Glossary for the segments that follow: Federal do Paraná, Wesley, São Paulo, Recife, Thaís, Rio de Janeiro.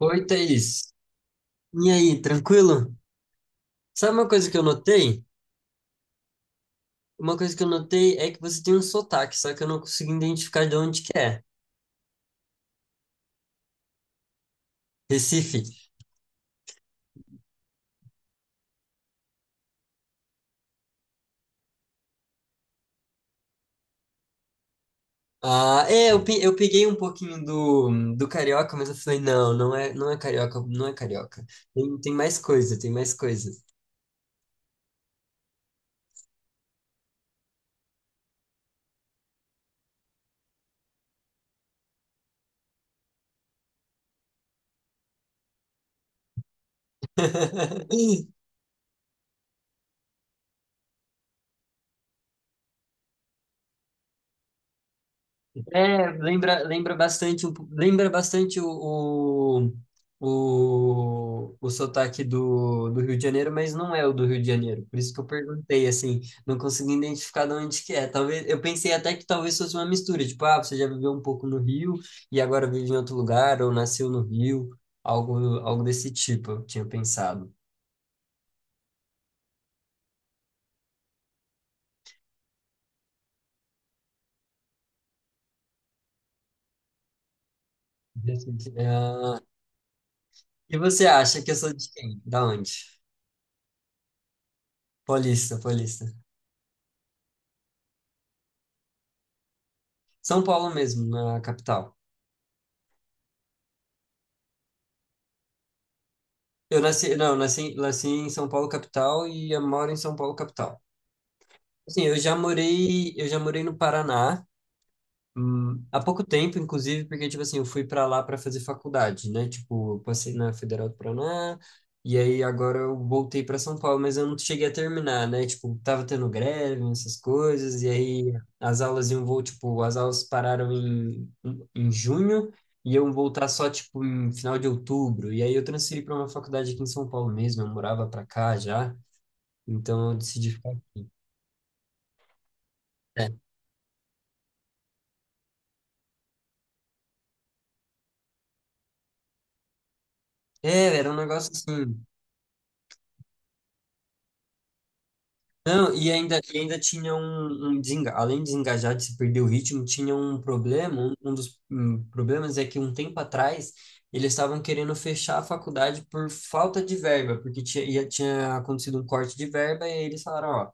Oi, Thaís. E aí, tranquilo? Sabe uma coisa que eu notei? Uma coisa que eu notei é que você tem um sotaque, só que eu não consigo identificar de onde que é. Recife. Ah, é, eu peguei um pouquinho do carioca, mas eu falei, não, não é, não é carioca, não é carioca. Tem mais coisa, tem mais coisa. É, lembra bastante, lembra bastante o sotaque do Rio de Janeiro, mas não é o do Rio de Janeiro. Por isso que eu perguntei, assim, não consegui identificar de onde que é. Talvez, eu pensei até que talvez fosse uma mistura, tipo, ah, você já viveu um pouco no Rio e agora vive em outro lugar, ou nasceu no Rio, algo desse tipo, eu tinha pensado. Desse- ah, E você acha que eu sou de quem? Da onde? Paulista, paulista. São Paulo mesmo, na capital. Eu nasci, não, nasci em São Paulo capital e eu moro em São Paulo capital. Assim, eu já morei no Paraná, há pouco tempo, inclusive, porque, tipo assim, eu fui pra lá pra fazer faculdade, né? Tipo, eu passei na Federal do Paraná, e aí agora eu voltei pra São Paulo, mas eu não cheguei a terminar, né? Tipo, tava tendo greve, essas coisas, e aí as aulas tipo, as aulas pararam em junho, e iam voltar só, tipo, em final de outubro. E aí eu transferi pra uma faculdade aqui em São Paulo mesmo, eu morava pra cá já, então eu decidi ficar. É, era um negócio assim. Não, e ainda tinha além de desengajar, de se perder o ritmo, tinha um problema, um dos problemas é que um tempo atrás eles estavam querendo fechar a faculdade por falta de verba, porque tinha, tinha acontecido um corte de verba e eles falaram, ó,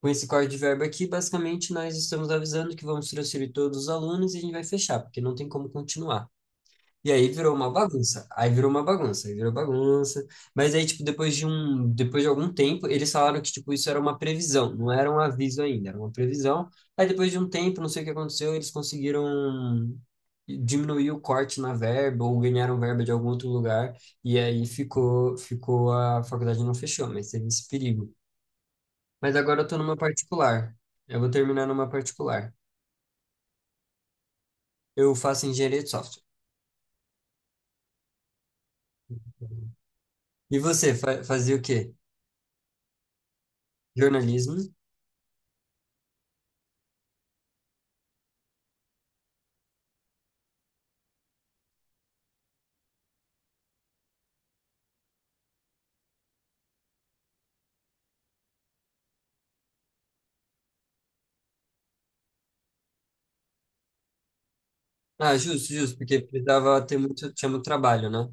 com esse corte de verba aqui, basicamente nós estamos avisando que vamos transferir todos os alunos e a gente vai fechar, porque não tem como continuar. E aí virou uma bagunça. Aí virou uma bagunça, aí virou bagunça. Mas aí, tipo, depois de algum tempo, eles falaram que, tipo, isso era uma previsão, não era um aviso ainda, era uma previsão. Aí depois de um tempo, não sei o que aconteceu, eles conseguiram diminuir o corte na verba ou ganharam verba de algum outro lugar. E aí ficou a faculdade não fechou, mas teve esse perigo. Mas agora eu tô numa particular. Eu vou terminar numa particular. Eu faço engenharia de software. E você, fazia o quê? Jornalismo? Ah, justo, justo, porque tinha muito trabalho, né?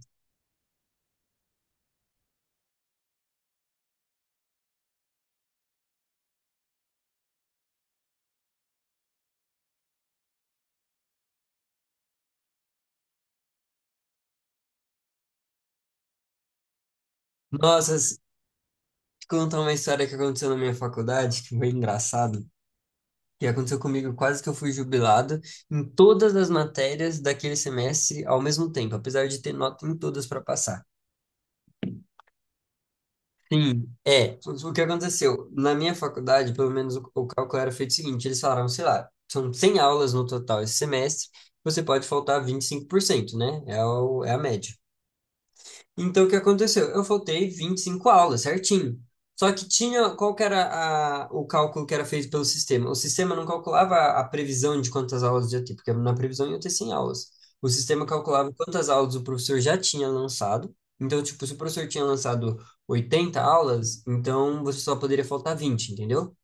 Nossa, te uma história que aconteceu na minha faculdade, que foi engraçado, que aconteceu comigo quase que eu fui jubilado em todas as matérias daquele semestre ao mesmo tempo, apesar de ter nota em todas para passar. Sim, é, o que aconteceu? Na minha faculdade, pelo menos o cálculo era feito o seguinte, eles falaram, sei lá, são 100 aulas no total esse semestre, você pode faltar 25%, né? É, é a média. Então, o que aconteceu? Eu faltei 25 aulas, certinho. Só que tinha, qual que era o cálculo que era feito pelo sistema? O sistema não calculava a previsão de quantas aulas ia ter, porque na previsão ia ter 100 aulas. O sistema calculava quantas aulas o professor já tinha lançado. Então, tipo, se o professor tinha lançado 80 aulas, então você só poderia faltar 20, entendeu?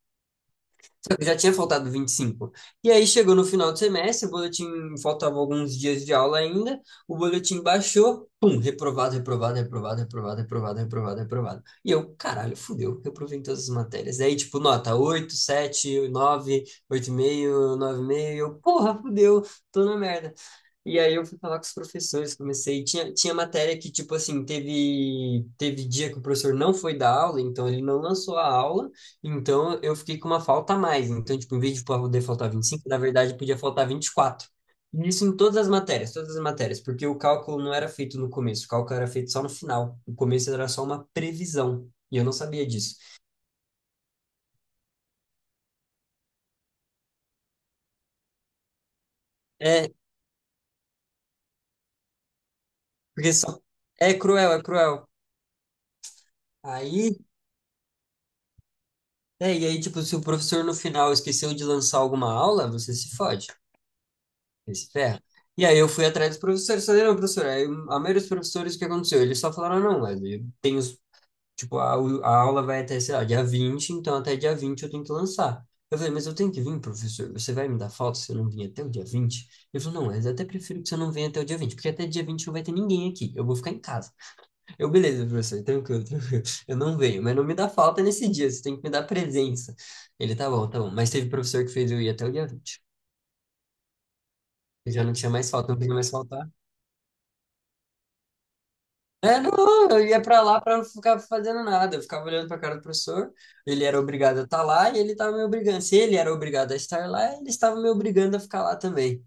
Só que já tinha faltado 25. E cinco. E aí chegou no final do semestre, o boletim faltava alguns dias de aula ainda, o boletim baixou, pum, reprovado, reprovado, reprovado, reprovado, reprovado, reprovado, reprovado. E eu, caralho, fudeu, reprovei em todas as matérias. Aí, tipo, nota 8, 7, 9, 8,5, 9,5, eu, porra, fudeu, tô na merda. E aí eu fui falar com os professores, comecei, tinha matéria que, tipo assim, teve dia que o professor não foi dar aula, então ele não lançou a aula, então eu fiquei com uma falta a mais. Então, tipo, em vez de poder faltar 25 na verdade podia faltar 24. E quatro. E isso em todas as matérias, porque o cálculo não era feito no começo, o cálculo era feito só no final. O começo era só uma previsão, e eu não sabia disso. É, porque só, é cruel, é cruel. Aí, e aí, tipo, se o professor no final esqueceu de lançar alguma aula, você se fode. Esse ferro. E aí eu fui atrás dos professores, falei, não, professor, aí a maioria dos professores, o que aconteceu? Eles só falaram, não, Wesley, tem os, tipo, a aula vai até, sei lá, dia 20 então até dia 20 eu tenho que lançar. Eu falei, mas eu tenho que vir, professor, você vai me dar falta se eu não vir até o dia 20. Ele falou, não, mas eu até prefiro que você não venha até o dia 20 porque até dia 20 não vai ter ninguém aqui, eu vou ficar em casa. Eu, beleza, professor, tranquilo, tranquilo, eu não venho, mas não me dá falta nesse dia, você tem que me dar presença. Ele, tá bom, mas teve professor que fez eu ir até o dia 20. Eu já não tinha mais falta, não podia mais faltar. É, não, eu ia pra lá pra não ficar fazendo nada. Eu ficava olhando pra cara do professor. Ele era obrigado a estar lá e ele estava me obrigando. Se ele era obrigado a estar lá, ele estava me obrigando a ficar lá também.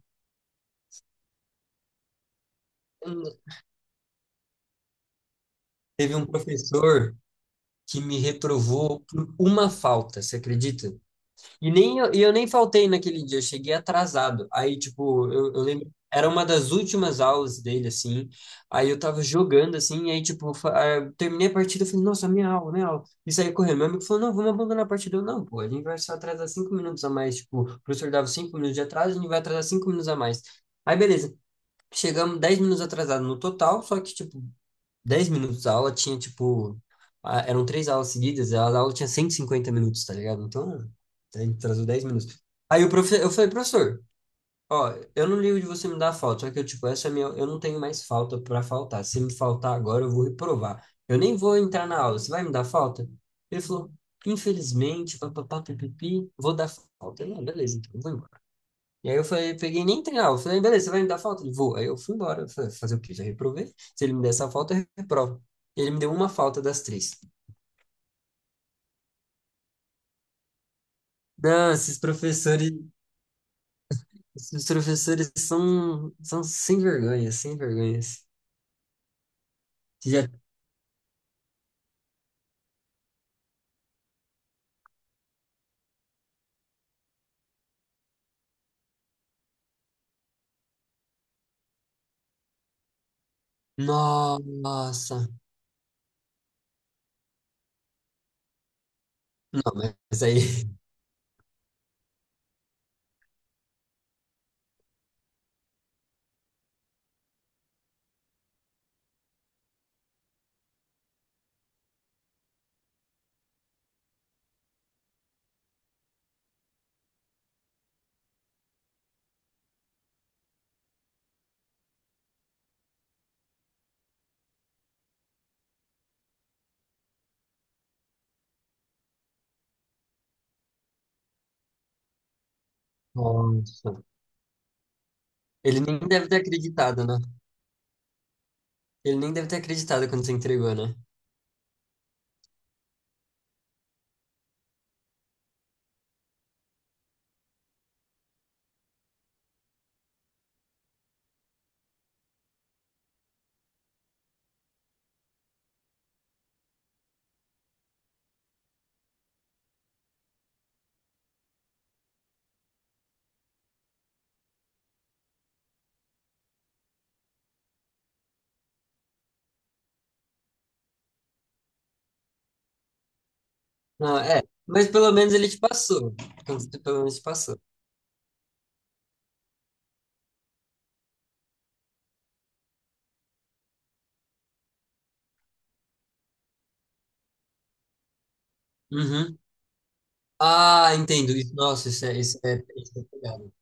Teve um professor que me reprovou por uma falta, você acredita? E nem eu, e eu nem faltei naquele dia, eu cheguei atrasado. Aí, tipo, eu lembro, era uma das últimas aulas dele, assim. Aí eu tava jogando, assim, e aí, tipo, eu terminei a partida, eu falei, nossa, minha aula, minha aula. E saí correndo. Meu amigo falou, não, vamos abandonar a partida. Eu, não, pô, a gente vai só atrasar 5 minutos a mais. Tipo, o professor dava 5 minutos de atraso, a gente vai atrasar 5 minutos a mais. Aí, beleza. Chegamos 10 minutos atrasado no total, só que, tipo, 10 minutos a aula tinha, tipo, eram três aulas seguidas, a aula tinha 150 minutos, tá ligado? Então, a gente atrasou 10 minutos. Aí o profe, eu falei, professor, ó, eu não ligo de você me dar falta, só que eu, tipo, eu não tenho mais falta pra faltar. Se me faltar agora, eu vou reprovar. Eu nem vou entrar na aula, você vai me dar falta? Ele falou, infelizmente, papapá, pipipi, vou dar falta. Eu, não, beleza, então, eu vou embora. E aí eu falei, peguei e nem treinar. Eu falei, beleza, você vai me dar falta? Ele, vou. Aí eu fui embora. Eu falei, fazer o quê? Já reprovei? Se ele me der essa falta, eu reprovo. Ele me deu uma falta das três. Não, esses professores são sem vergonha, sem vergonhas. Você já. Nossa. Não, mas aí. Nossa. Ele nem deve ter acreditado, né? Ele nem deve ter acreditado quando você entregou, né? Não, é. Mas pelo menos ele te passou. Quando Pelo menos te passou. Uhum. Ah, entendo. Nossa, isso é pegado.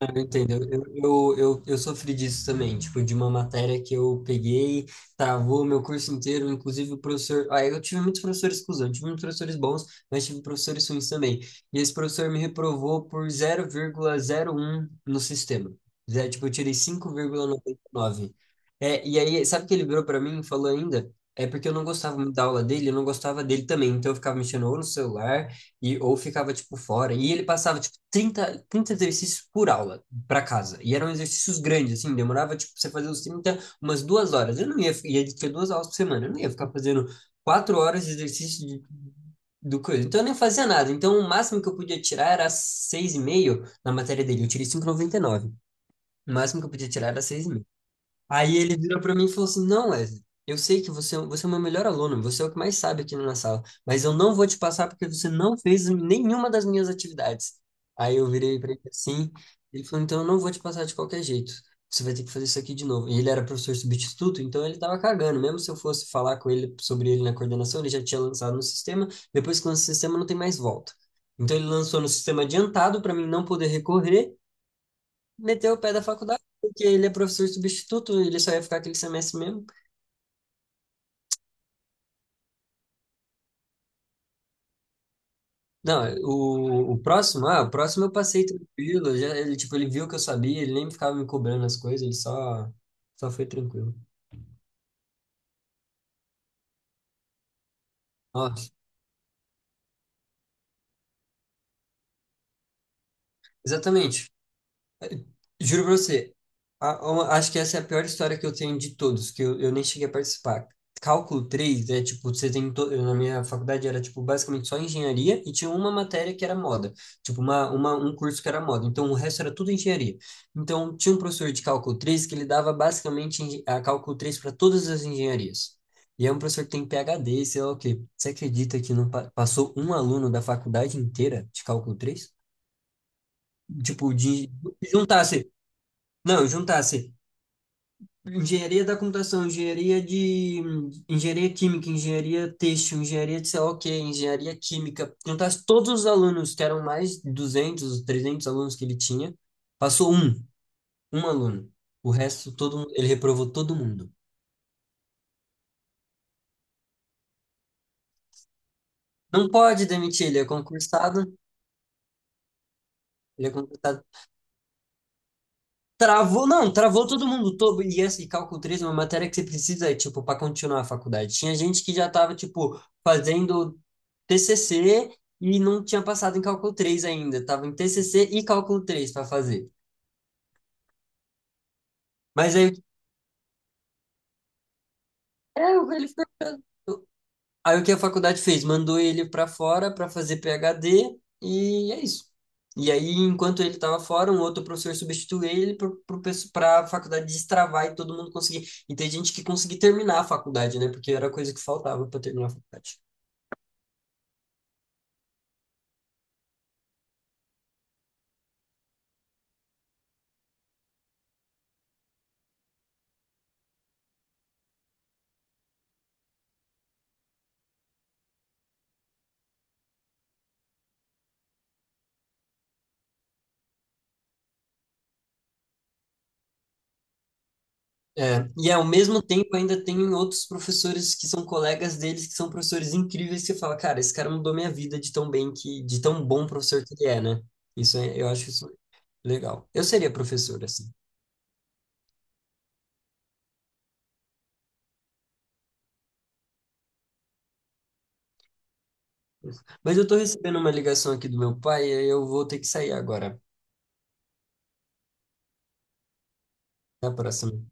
Eu entendo, eu sofri disso também, tipo, de uma matéria que eu peguei, travou meu curso inteiro, inclusive o professor. Ah, eu tive muitos professores cuzão, tive muitos professores bons, mas tive professores ruins também. E esse professor me reprovou por 0,01 no sistema. Zé, tipo, eu tirei 5,99. É, e aí, sabe o que ele virou pra mim e falou ainda? É porque eu não gostava muito da aula dele, eu não gostava dele também. Então eu ficava mexendo ou no celular, ou ficava, tipo, fora. E ele passava, tipo, trinta exercícios por aula para casa. E eram exercícios grandes, assim, demorava, tipo, você fazer os 30, umas 2 horas. Eu não ia, ia ter duas aulas por semana, eu não ia ficar fazendo 4 horas de exercício do coisa. Então eu nem fazia nada. Então o máximo que eu podia tirar era 6,5 na matéria dele. Eu tirei cinco vírgula noventa e nove. O máximo que eu podia tirar era 6,5. Aí ele virou para mim e falou assim: Não, Wesley, eu sei que você é o meu melhor aluno, você é o que mais sabe aqui na minha sala, mas eu não vou te passar porque você não fez nenhuma das minhas atividades. Aí eu virei para ele assim, ele falou: Então eu não vou te passar de qualquer jeito, você vai ter que fazer isso aqui de novo. E ele era professor substituto, então ele estava cagando, mesmo se eu fosse falar com ele sobre ele na coordenação, ele já tinha lançado no sistema, depois que lança o sistema não tem mais volta. Então ele lançou no sistema adiantado para mim não poder recorrer. Meteu o pé da faculdade, porque ele é professor substituto, ele só ia ficar aquele semestre mesmo. Não, o próximo eu passei tranquilo, já, ele, tipo, ele viu que eu sabia, ele nem ficava me cobrando as coisas, ele só foi tranquilo. Ó, exatamente, juro pra você, acho que essa é a pior história que eu tenho de todos, que eu nem cheguei a participar. Cálculo 3 é tipo. Na minha faculdade era tipo basicamente só engenharia e tinha uma matéria que era moda. Tipo, um curso que era moda. Então o resto era tudo engenharia. Então tinha um professor de cálculo 3 que ele dava basicamente a cálculo 3 para todas as engenharias. E é um professor que tem PhD, sei lá o quê. Você acredita que não passou um aluno da faculdade inteira de cálculo 3, Tipo, de juntasse não, juntasse engenharia da computação, engenharia química, engenharia têxtil, engenharia de sei lá o quê, engenharia química, juntasse todos os alunos, que eram mais de 200, 300 alunos que ele tinha, passou um, aluno. O resto, ele reprovou todo mundo. Não pode demitir, ele é concursado. Travou, não, travou todo mundo todo. E esse cálculo 3 é uma matéria que você precisa, tipo, para continuar a faculdade. Tinha gente que já tava, tipo, fazendo TCC e não tinha passado em cálculo 3 ainda. Tava em TCC e cálculo 3 para fazer. Mas aí, é, ele ficou. Aí o que a faculdade fez? Mandou ele para fora para fazer PhD e é isso. E aí, enquanto ele estava fora, um outro professor substituiu ele para a faculdade destravar e todo mundo conseguir. E tem gente que conseguiu terminar a faculdade, né? Porque era a coisa que faltava para terminar a faculdade. É, e ao mesmo tempo ainda tem outros professores que são colegas deles, que são professores incríveis, que você fala, cara, esse cara mudou minha vida de tão bom professor que ele é, né? Eu acho isso legal. Eu seria professor, assim. Mas eu tô recebendo uma ligação aqui do meu pai e eu vou ter que sair agora. Até a próxima.